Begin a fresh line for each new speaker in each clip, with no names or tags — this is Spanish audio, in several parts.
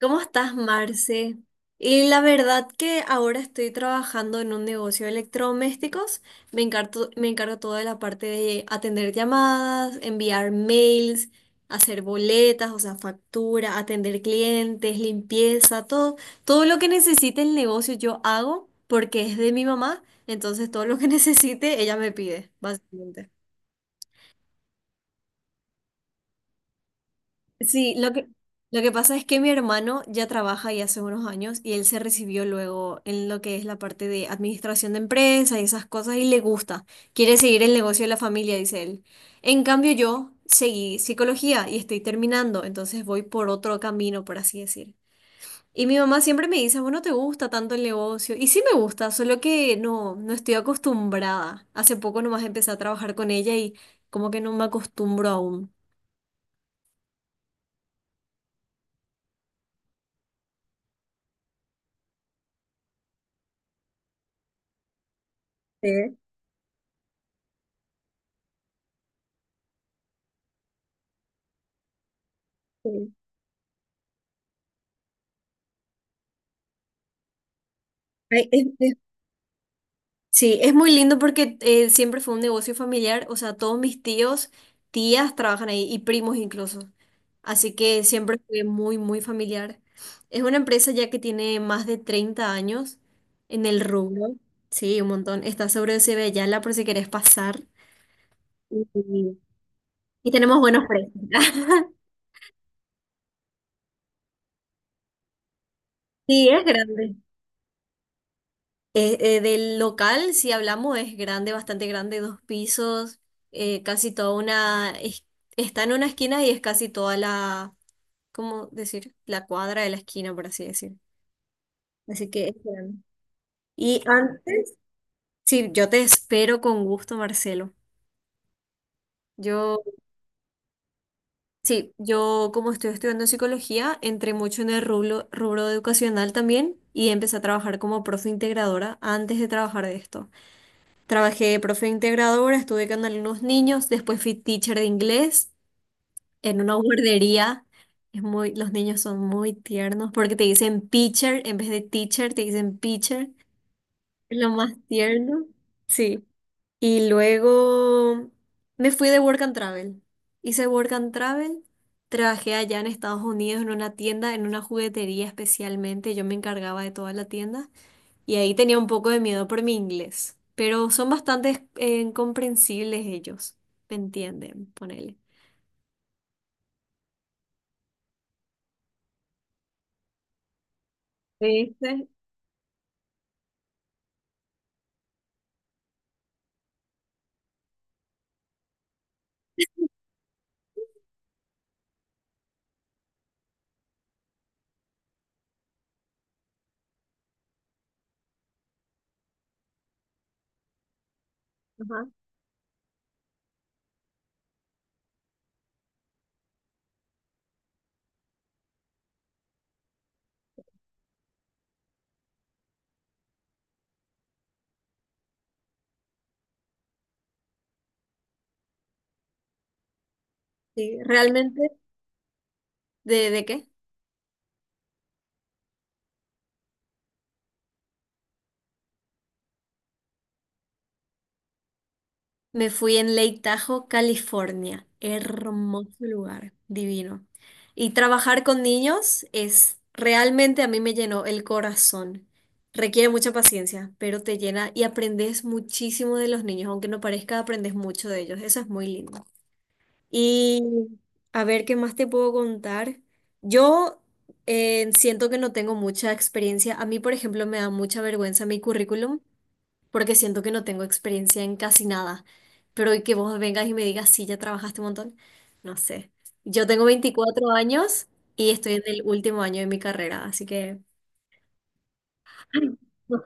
¿Cómo estás, Marce? Y la verdad que ahora estoy trabajando en un negocio de electrodomésticos. Me encargo toda la parte de atender llamadas, enviar mails, hacer boletas, o sea, factura, atender clientes, limpieza, todo, todo lo que necesite el negocio yo hago porque es de mi mamá, entonces todo lo que necesite ella me pide, básicamente. Sí, lo que pasa es que mi hermano ya trabaja y hace unos años y él se recibió luego en lo que es la parte de administración de empresa y esas cosas y le gusta. Quiere seguir el negocio de la familia, dice él. En cambio, yo seguí psicología y estoy terminando, entonces voy por otro camino, por así decir. Y mi mamá siempre me dice, bueno, ¿te gusta tanto el negocio? Y sí me gusta, solo que no estoy acostumbrada. Hace poco nomás empecé a trabajar con ella y como que no me acostumbro aún. Sí, sí. Ay, es, sí, es muy lindo porque siempre fue un negocio familiar, o sea, todos mis tíos, tías trabajan ahí y primos incluso. Así que siempre fue muy, muy familiar. Es una empresa ya que tiene más de 30 años en el rubro. Sí, un montón. Está sobre Cebeyala por si querés pasar. Y, y tenemos buenos precios. Sí, es grande. Del local, si hablamos, es grande, bastante grande, dos pisos, casi toda una, es- está en una esquina y es casi toda la, ¿cómo decir? La cuadra de la esquina, por así decir. Así que es grande. Y antes, sí, yo te espero con gusto, Marcelo. Yo, sí, yo como estoy estudiando psicología, entré mucho en el rubro educacional también y empecé a trabajar como profe integradora antes de trabajar de esto. Trabajé de profe integradora, estuve con algunos niños, después fui teacher de inglés en una guardería. Es muy, los niños son muy tiernos porque te dicen pitcher en vez de teacher, te dicen pitcher. Es lo más tierno. Sí. Y luego me fui de Work and Travel. Hice Work and Travel. Trabajé allá en Estados Unidos en una tienda, en una juguetería especialmente. Yo me encargaba de toda la tienda. Y ahí tenía un poco de miedo por mi inglés, pero son bastante comprensibles ellos, me entienden, ponele. ¿Viste? Ajá, sí. ¿Realmente? De qué? Me fui en Lake Tahoe, California. Hermoso lugar, divino. Y trabajar con niños es realmente a mí me llenó el corazón. Requiere mucha paciencia, pero te llena y aprendes muchísimo de los niños, aunque no parezca, aprendes mucho de ellos. Eso es muy lindo. Y a ver, ¿qué más te puedo contar? Yo siento que no tengo mucha experiencia. A mí, por ejemplo, me da mucha vergüenza mi currículum porque siento que no tengo experiencia en casi nada. Pero y que vos vengas y me digas, sí, ya trabajaste un montón. No sé. Yo tengo 24 años y estoy en el último año de mi carrera, así que... Ay, no,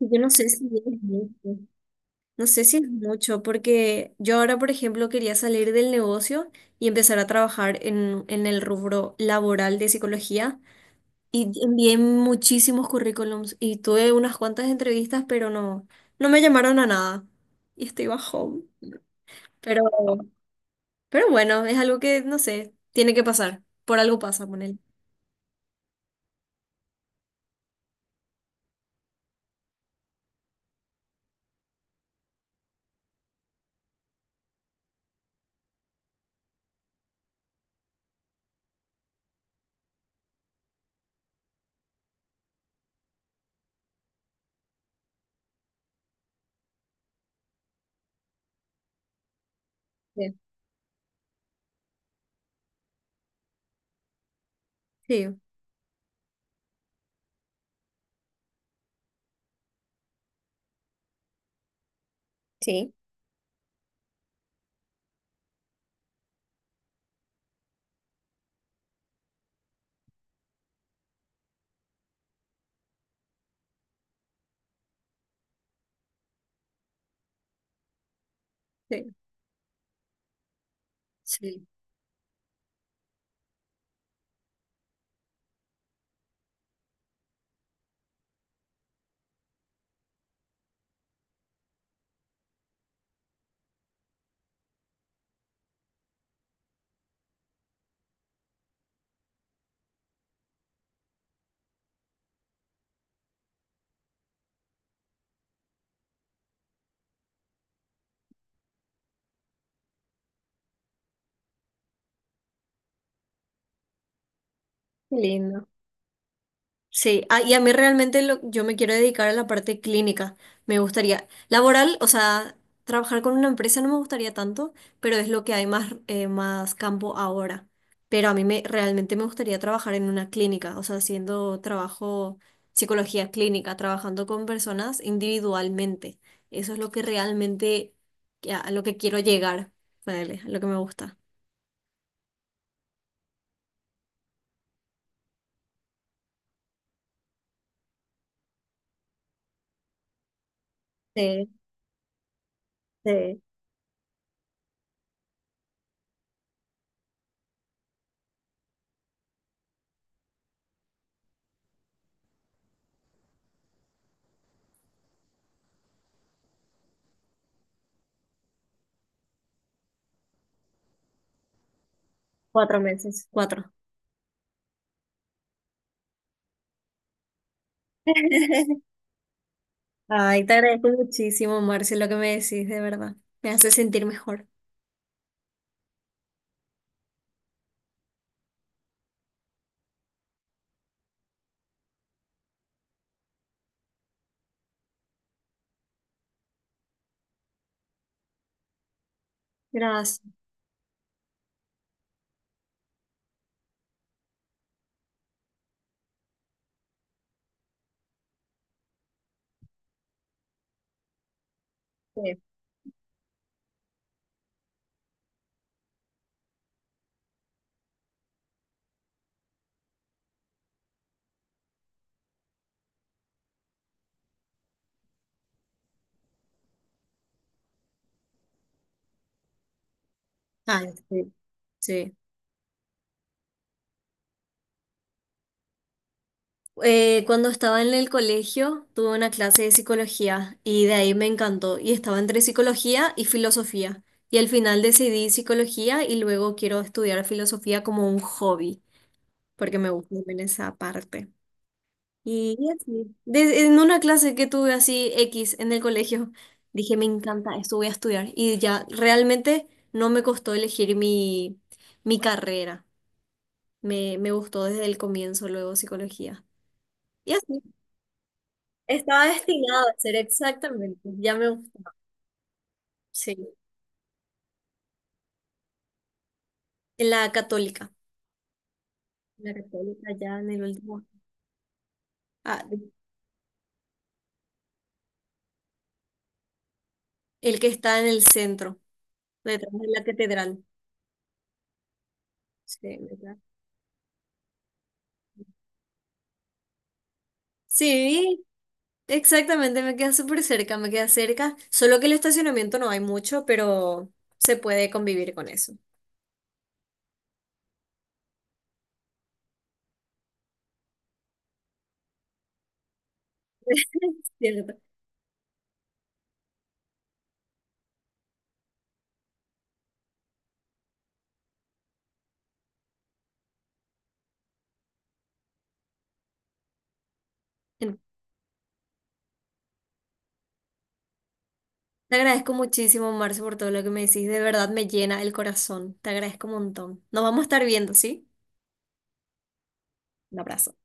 yo no sé si... es mucho. No sé si es mucho, porque yo ahora, por ejemplo, quería salir del negocio y empezar a trabajar en el rubro laboral de psicología y envié muchísimos currículums y tuve unas cuantas entrevistas, pero no, no me llamaron a nada y estoy bajón. Pero, pero bueno, es algo que, no sé, tiene que pasar. Por algo pasa con él. Sí, sí, sí, sí, sí. Qué lindo. Sí, ah, y a mí realmente lo- yo me quiero dedicar a la parte clínica. Me gustaría, laboral, o sea, trabajar con una empresa no me gustaría tanto, pero es lo que hay más, más campo ahora. Pero a mí me, realmente me gustaría trabajar en una clínica, o sea, haciendo trabajo, psicología clínica, trabajando con personas individualmente. Eso es lo que realmente, que- a lo que quiero llegar, ponele, a lo que me gusta. Sí, sí, 4 meses. Cuatro. Ay, te agradezco muchísimo, Marce, lo que me decís, de verdad. Me hace sentir mejor. Gracias. Sí. Ay, sí. Sí. Cuando estaba en el colegio, tuve una clase de psicología y de ahí me encantó. Y estaba entre psicología y filosofía. Y al final decidí psicología y luego quiero estudiar filosofía como un hobby, porque me gusta también esa parte. Y así. De- en una clase que tuve así X en el colegio, dije, me encanta esto, voy a estudiar. Y ya realmente no me costó elegir mi carrera. Me gustó desde el comienzo, luego psicología. Y así. Estaba destinado a ser exactamente, ya me gustó. Sí, en la católica. La católica ya en el último. Ah, el que está en el centro, detrás de la catedral. Sí, ¿verdad? Sí, exactamente, me queda súper cerca, me queda cerca, solo que el estacionamiento no hay mucho, pero se puede convivir con eso. Cierto. Te agradezco muchísimo, Marce, por todo lo que me decís, de verdad me llena el corazón, te agradezco un montón. Nos vamos a estar viendo, ¿sí? Un abrazo.